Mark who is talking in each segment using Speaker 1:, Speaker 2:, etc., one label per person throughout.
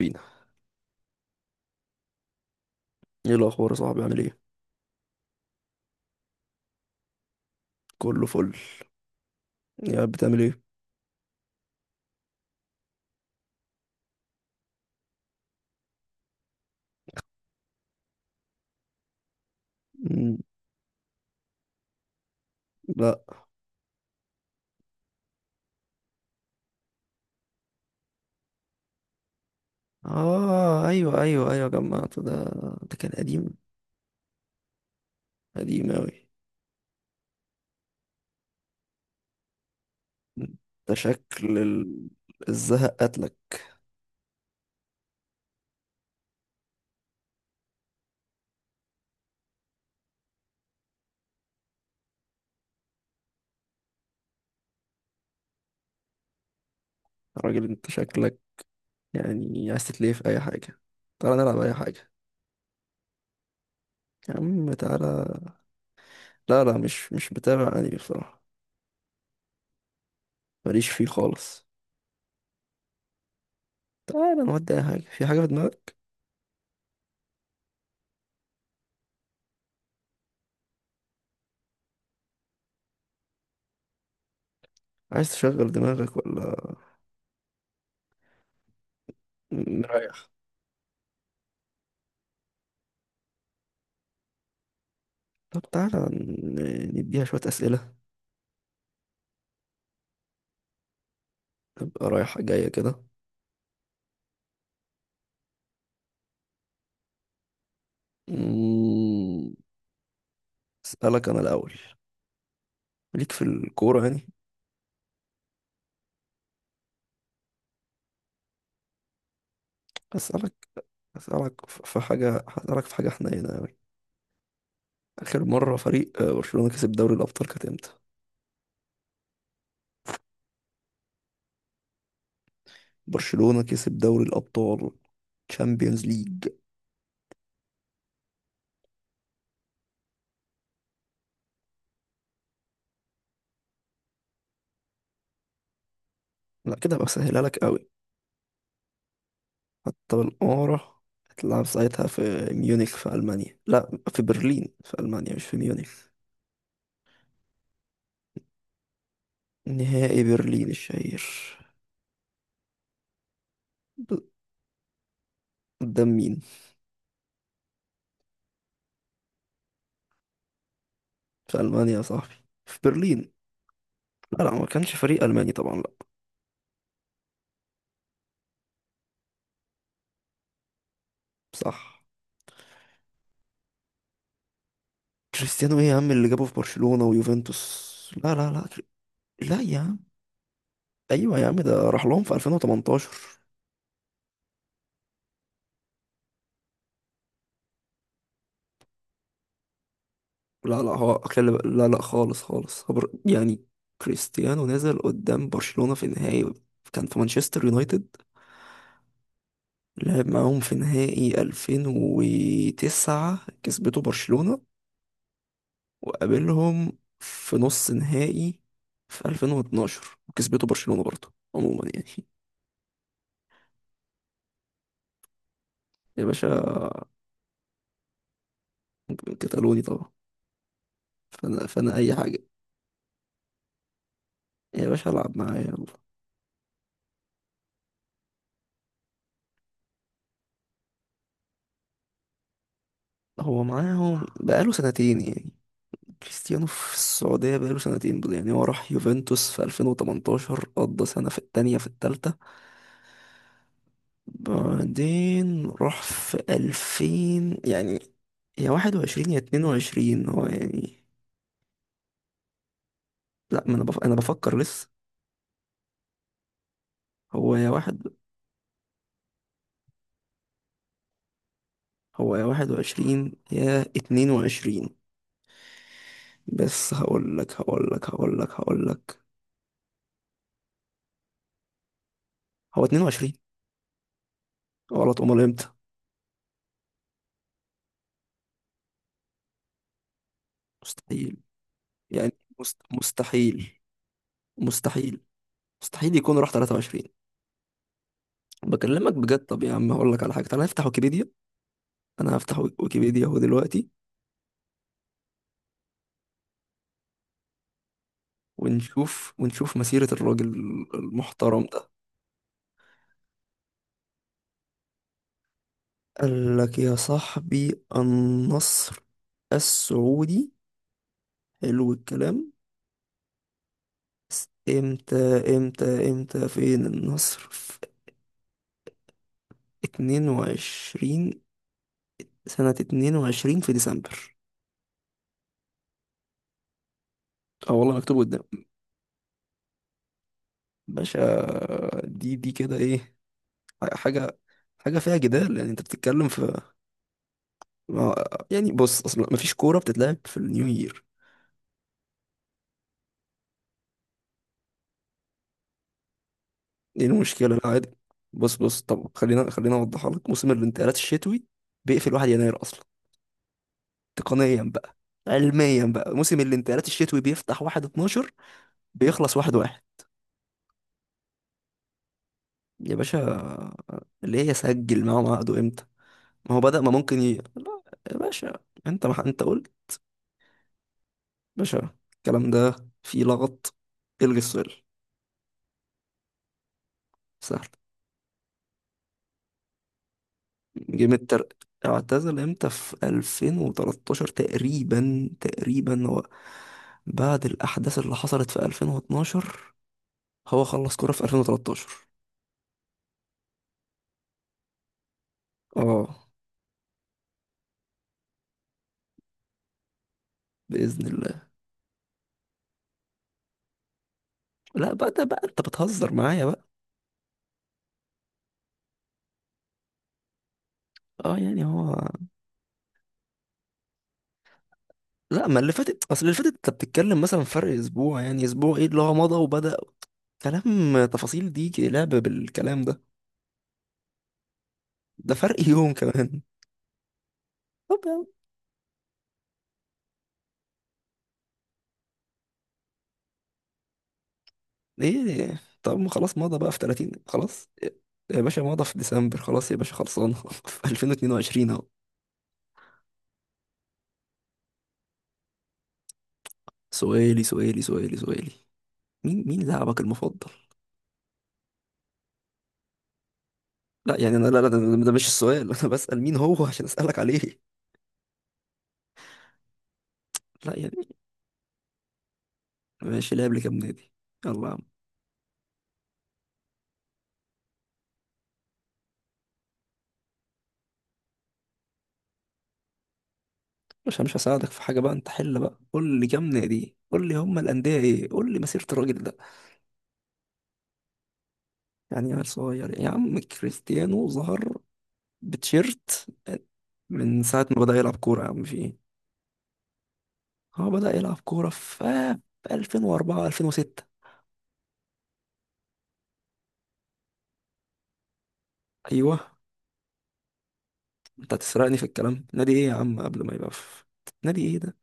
Speaker 1: بينا، ايه الاخبار يا صاحبي؟ عامل ايه؟ كله فل. يا بتعمل ايه؟ مم، لا. اه ايوه ايوه ايوه جمعت ده. ده كان قديم. قديم اوي. ده شكل الزهق قتلك. يا راجل انت شكلك يعني عايز تتلهي في اي حاجه. تعالى نلعب اي حاجه. يا عم تعالى. لا، لا، مش بتابع انمي بصراحه. ماليش فيه خالص. تعالى نودي اي حاجه، في حاجه في دماغك؟ عايز تشغل دماغك ولا نريح؟ طب تعالى نديها شوية أسئلة، تبقى رايحة جاية كده. مم، أسألك أنا الأول، ليك في الكورة يعني؟ أسألك أسألك في حاجة، هسألك في حاجة حنينة أوي. آخر مرة فريق برشلونة كسب دوري الأبطال كانت إمتى؟ برشلونة كسب دوري الأبطال. تشامبيونز ليج. لا كده هبقى بسهلها لك أوي. حتى بالقارة. هتلعب ساعتها في ميونخ، في ألمانيا، لا، في برلين، في ألمانيا، مش في ميونخ. نهائي برلين الشهير. ب- قدام مين؟ في ألمانيا يا صاحبي، في برلين. لا، لا، ما كانش فريق ألماني طبعا، لا. صح. كريستيانو ايه يا عم اللي جابه في برشلونة ويوفنتوس؟ لا، لا، لا يا عم. ايوه يا عم، ده راح لهم في 2018. لا لا هو أكل- لا، لا، خالص خالص خبر يعني. كريستيانو نزل قدام برشلونة في نهائي، كان في مانشستر يونايتد، لعب معاهم في نهائي 2009 كسبته برشلونة. وقابلهم في نص نهائي في 2012 وكسبته برشلونة برضه، عموما يعني. يا باشا. كتالوني طبعا. فانا، اي حاجة يا باشا، العب معايا يلا. هو معاهم بقاله سنتين يعني. كريستيانو في السعودية بقاله سنتين، يعني هو راح يوفنتوس في 2018، قضى سنة، في التانية، في التالتة. بعدين راح في 2000 يعني، يا 21 يا 22 هو يعني. لا، ما انا انا بفكر لسه. هو يا واحد هو يا واحد وعشرين يا اتنين وعشرين. بس هقول لك. هو اتنين وعشرين. غلط؟ امال امتى؟ مستحيل يعني. مستحيل، مستحيل، مستحيل يكون راح 23. بكلمك بجد. طب يا عم هقول لك على حاجه، تعالى نفتح ويكيبيديا. انا هفتح ويكيبيديا اهو دلوقتي. ونشوف مسيره الراجل المحترم ده. قال لك يا صاحبي، النصر السعودي. حلو الكلام. امتى، امتى، امتى؟ فين النصر؟ في 22، سنة 22 في ديسمبر. اه والله مكتوب قدام. باشا، دي كده ايه؟ حاجة حاجة فيها جدال يعني. انت بتتكلم في ما- يعني بص، اصلا مفيش كورة بتتلعب في النيو يير. دي المشكلة، لا عادي. بص، بص، طب خلينا، خلينا اوضحها لك. موسم الانتقالات الشتوي بيقفل 1 يناير اصلا. تقنيا بقى، علميا بقى موسم الانتقالات الشتوي بيفتح 1 12، بيخلص 1 1. يا باشا، ليه يسجل معاهم عقده امتى؟ ما هو بدأ، ما ممكن ي... لا. يا باشا انت، ما انت قلت. باشا، الكلام ده فيه لغط. الغي السؤال. سهل. جيم التر، اعتزل امتى؟ في 2013 تقريبا، تقريبا هو بعد الأحداث اللي حصلت في 2012، هو خلص كورة في 2013. اه، بإذن الله. لا بقى، ده بقى انت بتهزر معايا بقى. اه، يعني هو. لا، ما اللي فاتت، اصل اللي فاتت انت بتتكلم مثلا فرق اسبوع يعني. اسبوع ايه اللي هو مضى وبدأ؟ كلام تفاصيل دي، لعب بالكلام ده. ده فرق يوم كمان. طب يا ايه، طب ما خلاص مضى بقى في 30، خلاص. يا باشا مضى في ديسمبر، خلاص يا باشا، خلصانه في 2022 اهو. سؤالي، مين لاعبك المفضل؟ لا يعني انا، لا، لا، ده مش السؤال. انا بسأل مين هو عشان اسألك عليه. لا يعني، ماشي، لعب لكام نادي؟ يلا يا عم. مش هساعدك في حاجة بقى، انت حل بقى، قول لي كام نادي، قول لي هم الأندية ايه، قول لي مسيرة الراجل ده. يعني عيل صغير يا عم؟ كريستيانو ظهر بتشيرت من ساعة ما بدأ يلعب كورة يا عم. في ايه؟ هو بدأ يلعب كورة في 2004 2006. ايوه. انت هتسرقني في الكلام، نادي ايه يا عم قبل ما يبقى في؟ نادي ايه ده؟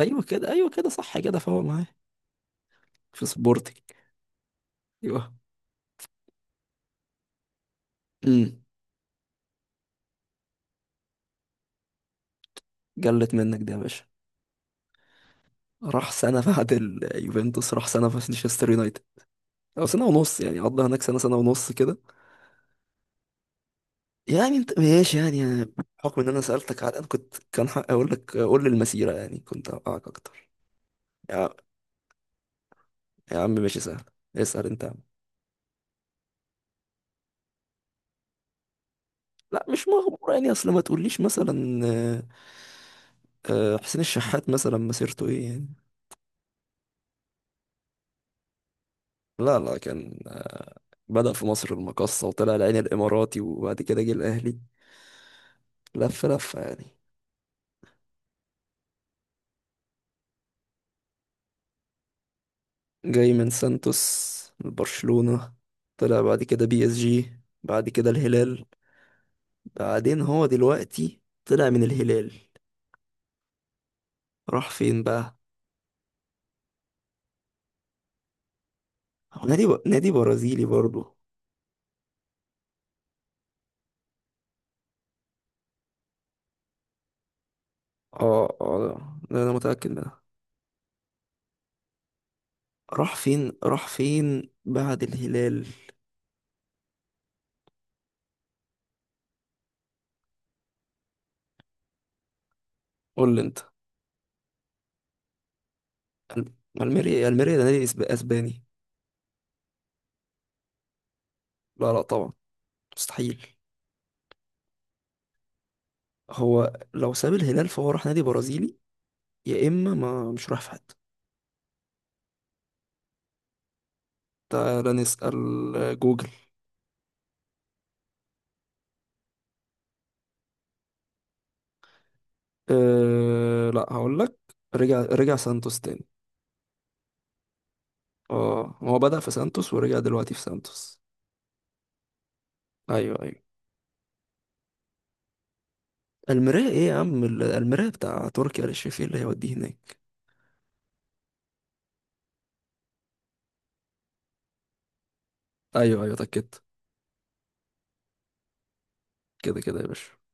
Speaker 1: ايوه كده، ايوه كده، صح كده، فهو معايا. في سبورتنج. ايوه. امم جلت منك دي يا باشا. راح سنة بعد اليوفنتوس، راح سنة في مانشستر يونايتد، او سنه ونص يعني، قضى هناك سنه ونص كده. يعني انت ماشي يعني بحكم ان انا سالتك على الان، كنت كان حق اقول لك قول لي المسيره، يعني كنت اوقعك اكتر. يا عم يا عم، ماشي، سهل. اسال انت يا عم. لا مش مغمور يعني، اصل ما تقوليش مثلا حسين الشحات مثلا مسيرته ايه يعني. لا، لا، كان بدأ في مصر المقاصة، وطلع العين الإماراتي، وبعد كده جه الأهلي. لف لفة يعني. جاي من سانتوس لبرشلونة، طلع بعد كده بي اس جي، بعد كده الهلال، بعدين هو دلوقتي طلع من الهلال، راح فين بقى؟ هو نادي نادي برازيلي برضو. اه، اه، ده انا متأكد منها. راح فين، راح فين بعد الهلال؟ قول لي انت. الم- الميريا، الميريا ده نادي اسباني. لا، لا طبعا. مستحيل. هو لو ساب الهلال فهو راح نادي برازيلي، يا اما ما مش راح في حته. تعال نسأل جوجل. أه لا، هقول لك، رجع، رجع سانتوس تاني. اه هو بدأ في سانتوس ورجع دلوقتي في سانتوس. ايوه، ايوه. المرايه ايه يا عم، المرايه بتاع تركي آل الشيخ، إيه اللي هيوديه هناك؟ ايوه، ايوه، اتاكدت. كده كده يا باشا.